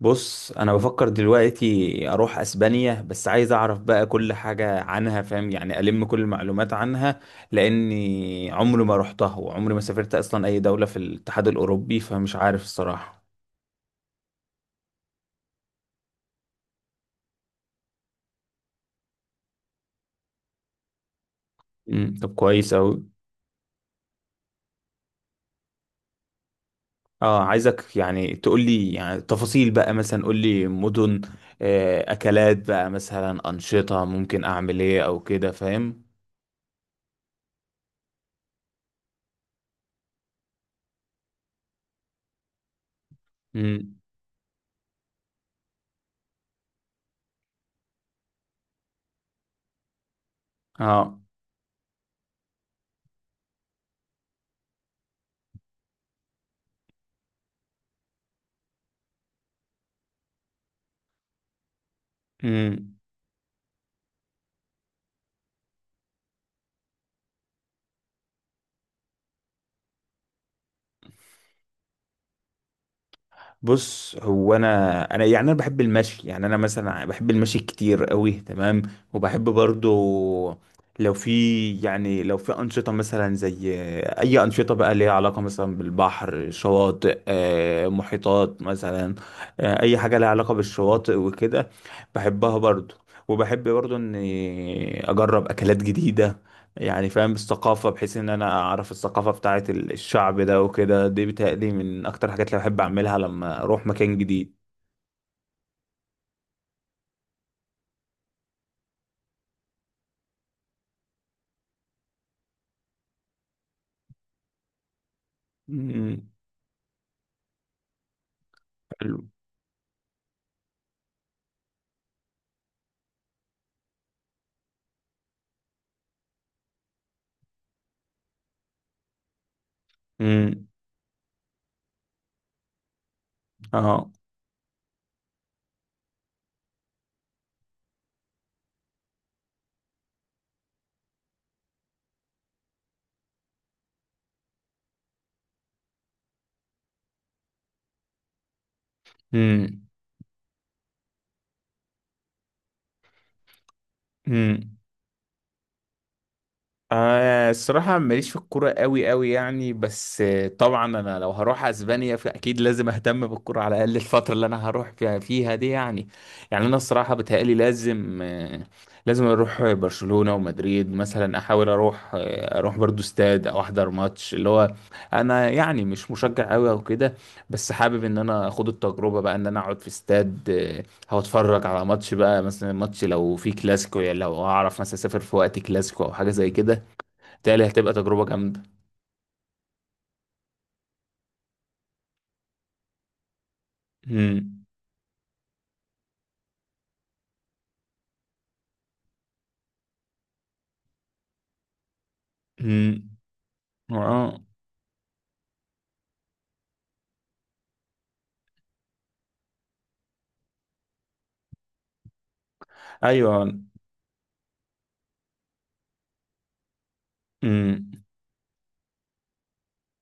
بص، انا بفكر دلوقتي اروح اسبانيا، بس عايز اعرف بقى كل حاجة عنها، فاهم يعني، الم كل المعلومات عنها. لاني عمري ما رحتها وعمري ما سافرت اصلا اي دولة في الاتحاد الاوروبي، فمش عارف الصراحة. طب كويس اوي. اه، عايزك يعني تقول لي، يعني تفاصيل بقى، مثلا قول لي مدن. آه، اكلات بقى مثلا، انشطة ممكن اعمل ايه او كده، فاهم. امم. اه. امم. بص، هو انا يعني انا بحب المشي، يعني انا مثلا بحب المشي كتير قوي، تمام. وبحب برضو لو في يعني لو في انشطه مثلا، زي اي انشطه بقى ليها علاقه مثلا بالبحر، شواطئ، محيطات مثلا، اي حاجه ليها علاقه بالشواطئ وكده، بحبها برضو. وبحب برضو اني اجرب اكلات جديده، يعني فاهم الثقافة، بحيث ان انا اعرف الثقافة بتاعة الشعب ده وكده، دي بتهيألي من اكتر الحاجات اللي بحب اعملها لما اروح مكان جديد. امم. حلو. امم. اه. امم. آه، الصراحة ماليش في الكورة قوي قوي يعني، بس طبعا أنا لو هروح أسبانيا فأكيد لازم أهتم بالكورة على الأقل الفترة اللي أنا هروح فيها دي يعني. يعني أنا الصراحة بتهيألي لازم. لازم أروح برشلونة ومدريد، مثلا أحاول أروح برضو استاد أو أحضر ماتش، اللي هو أنا يعني مش مشجع قوي أو كده، بس حابب إن أنا أخد التجربة بقى، إن أنا أقعد في استاد. هو اتفرج على ماتش بقى، مثلا ماتش لو في كلاسيكو، يعني لو أعرف مثلا أسافر في وقت كلاسيكو أو حاجة زي كده، بالتالي هتبقى تجربة جامدة. امم. امم. اه. ايوه. امم.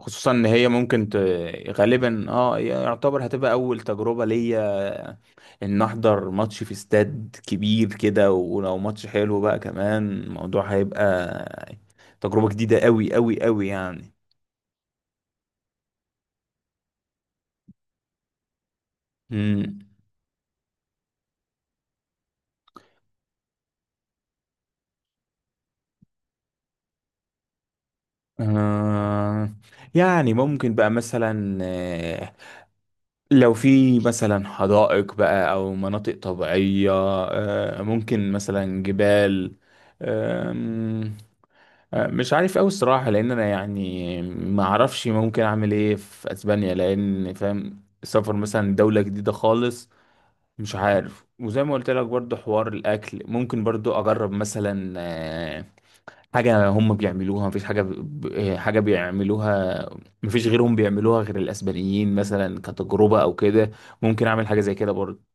خصوصا ان هي ممكن. غالبا يعتبر هتبقى اول تجربة ليا، ان احضر ماتش في استاد كبير كده، ولو ماتش حلو بقى كمان الموضوع هيبقى تجربة جديدة قوي قوي قوي يعني. امم. آه يعني ممكن بقى مثلا، لو في مثلا حدائق بقى او مناطق طبيعية، ممكن مثلا جبال، آم، مش عارف اوي الصراحة، لان انا يعني ما اعرفش ممكن اعمل ايه في اسبانيا، لان فاهم السفر مثلا دولة جديدة خالص، مش عارف. وزي ما قلت لك برضو حوار الاكل، ممكن برضو اجرب مثلا حاجة هم بيعملوها، مفيش حاجة بيعملوها، مفيش غيرهم بيعملوها غير الأسبانيين مثلا، كتجربة أو كده، ممكن أعمل حاجة زي كده برضه.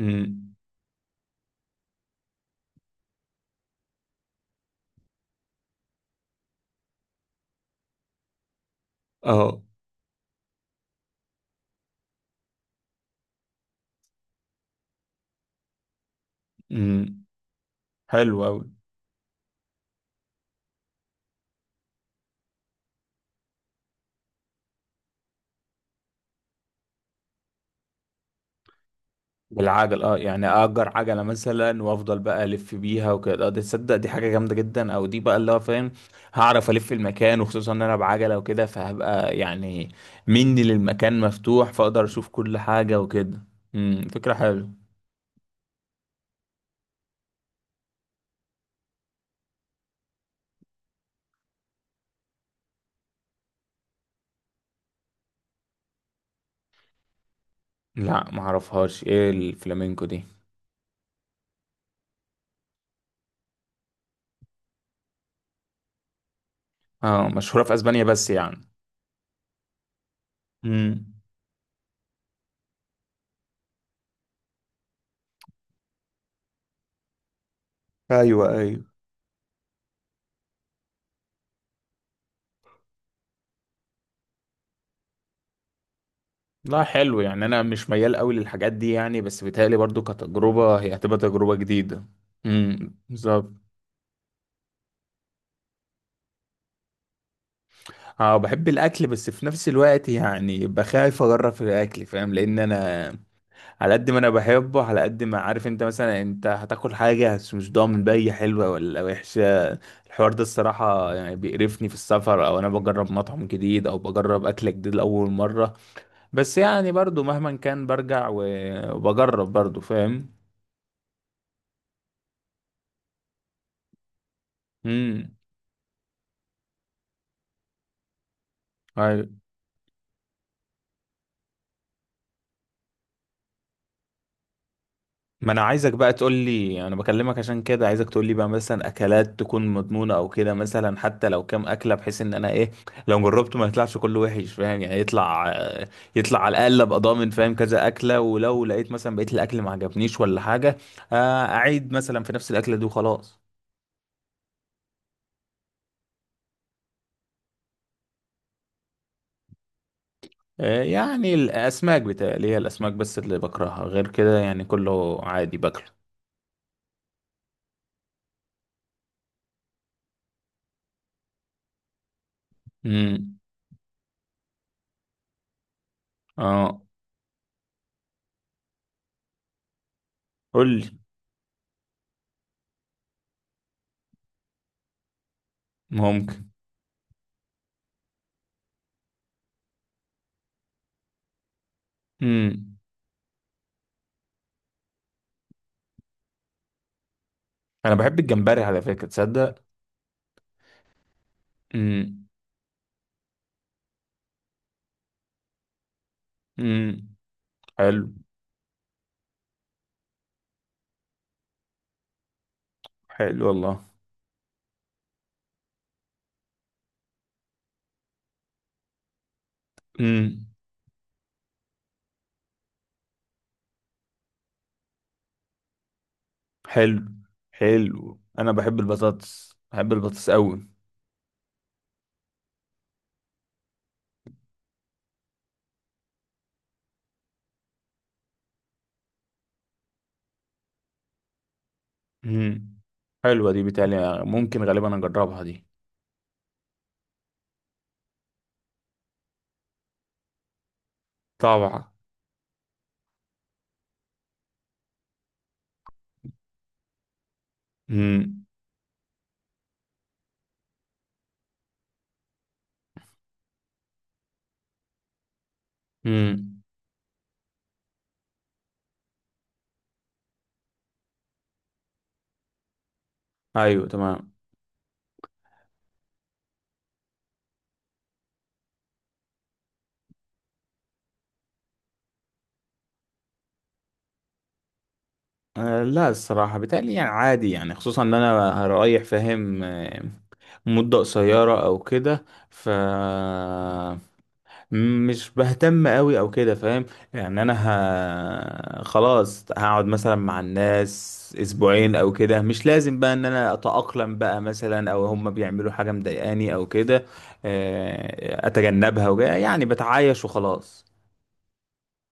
أمم. اه. أمم. حلو أوي. بالعجل، اه، يعني أجر عجلة مثلا وأفضل بقى ألف بيها وكده، دي تصدق دي حاجة جامدة جدا، أو دي بقى اللي هو فاهم هعرف ألف المكان، وخصوصا إن أنا بعجلة وكده فهبقى يعني مني للمكان مفتوح، فأقدر أشوف كل حاجة وكده. أمم، فكرة حلوة. لا، معرفهاش ايه الفلامينكو دي. اه، مشهورة في اسبانيا بس يعني. امم. ايوه، ايوه. لا، حلو يعني انا مش ميال قوي للحاجات دي يعني، بس بيتهيألي برضو كتجربة هي هتبقى تجربة جديدة. امم، بالظبط. اه، بحب الاكل، بس في نفس الوقت يعني بخاف اجرب في الاكل فاهم، لان انا على قد ما انا بحبه على قد ما عارف انت مثلا انت هتاكل حاجه، بس مش ضامن بقى هي حلوه ولا وحشه. الحوار ده الصراحه يعني بيقرفني في السفر، او انا بجرب مطعم جديد او بجرب اكل جديد لاول مره. بس يعني برضو مهما كان برجع وبجرب برضو، فاهم. امم. أيوه. ما انا عايزك بقى تقول لي، انا بكلمك عشان كده عايزك تقول لي بقى مثلا اكلات تكون مضمونة او كده، مثلا حتى لو كام اكلة، بحيث ان انا ايه لو جربته ما يطلعش كله وحش، فاهم، يعني يطلع على الاقل ابقى ضامن فاهم كذا اكلة. ولو لقيت مثلا بقيت الاكل ما عجبنيش ولا حاجة، اعيد مثلا في نفس الاكلة دي وخلاص. يعني الاسماك بتاعي، هي الاسماك بس اللي بكرهها، غير كده يعني كله عادي باكله. امم. اه. قول لي. ممكن. امم. انا بحب الجمبري على فكرة، تصدق. مم. امم. حلو. حلو والله. امم. حلو. حلو، انا بحب البطاطس، بحب البطاطس قوي. امم. حلوه دي بتالي ممكن غالبا اجربها دي. طبعا. امم. امم. ايوه، تمام. لا، الصراحه بتالي يعني عادي يعني، خصوصا ان انا هرايح فاهم، مده قصيره او كده، ف مش بهتم قوي او كده، فاهم. يعني انا. خلاص هقعد مثلا مع الناس اسبوعين او كده، مش لازم بقى ان انا اتأقلم بقى مثلا، او هم بيعملوا حاجة مضايقاني او كده، اتجنبها وجا يعني بتعايش وخلاص.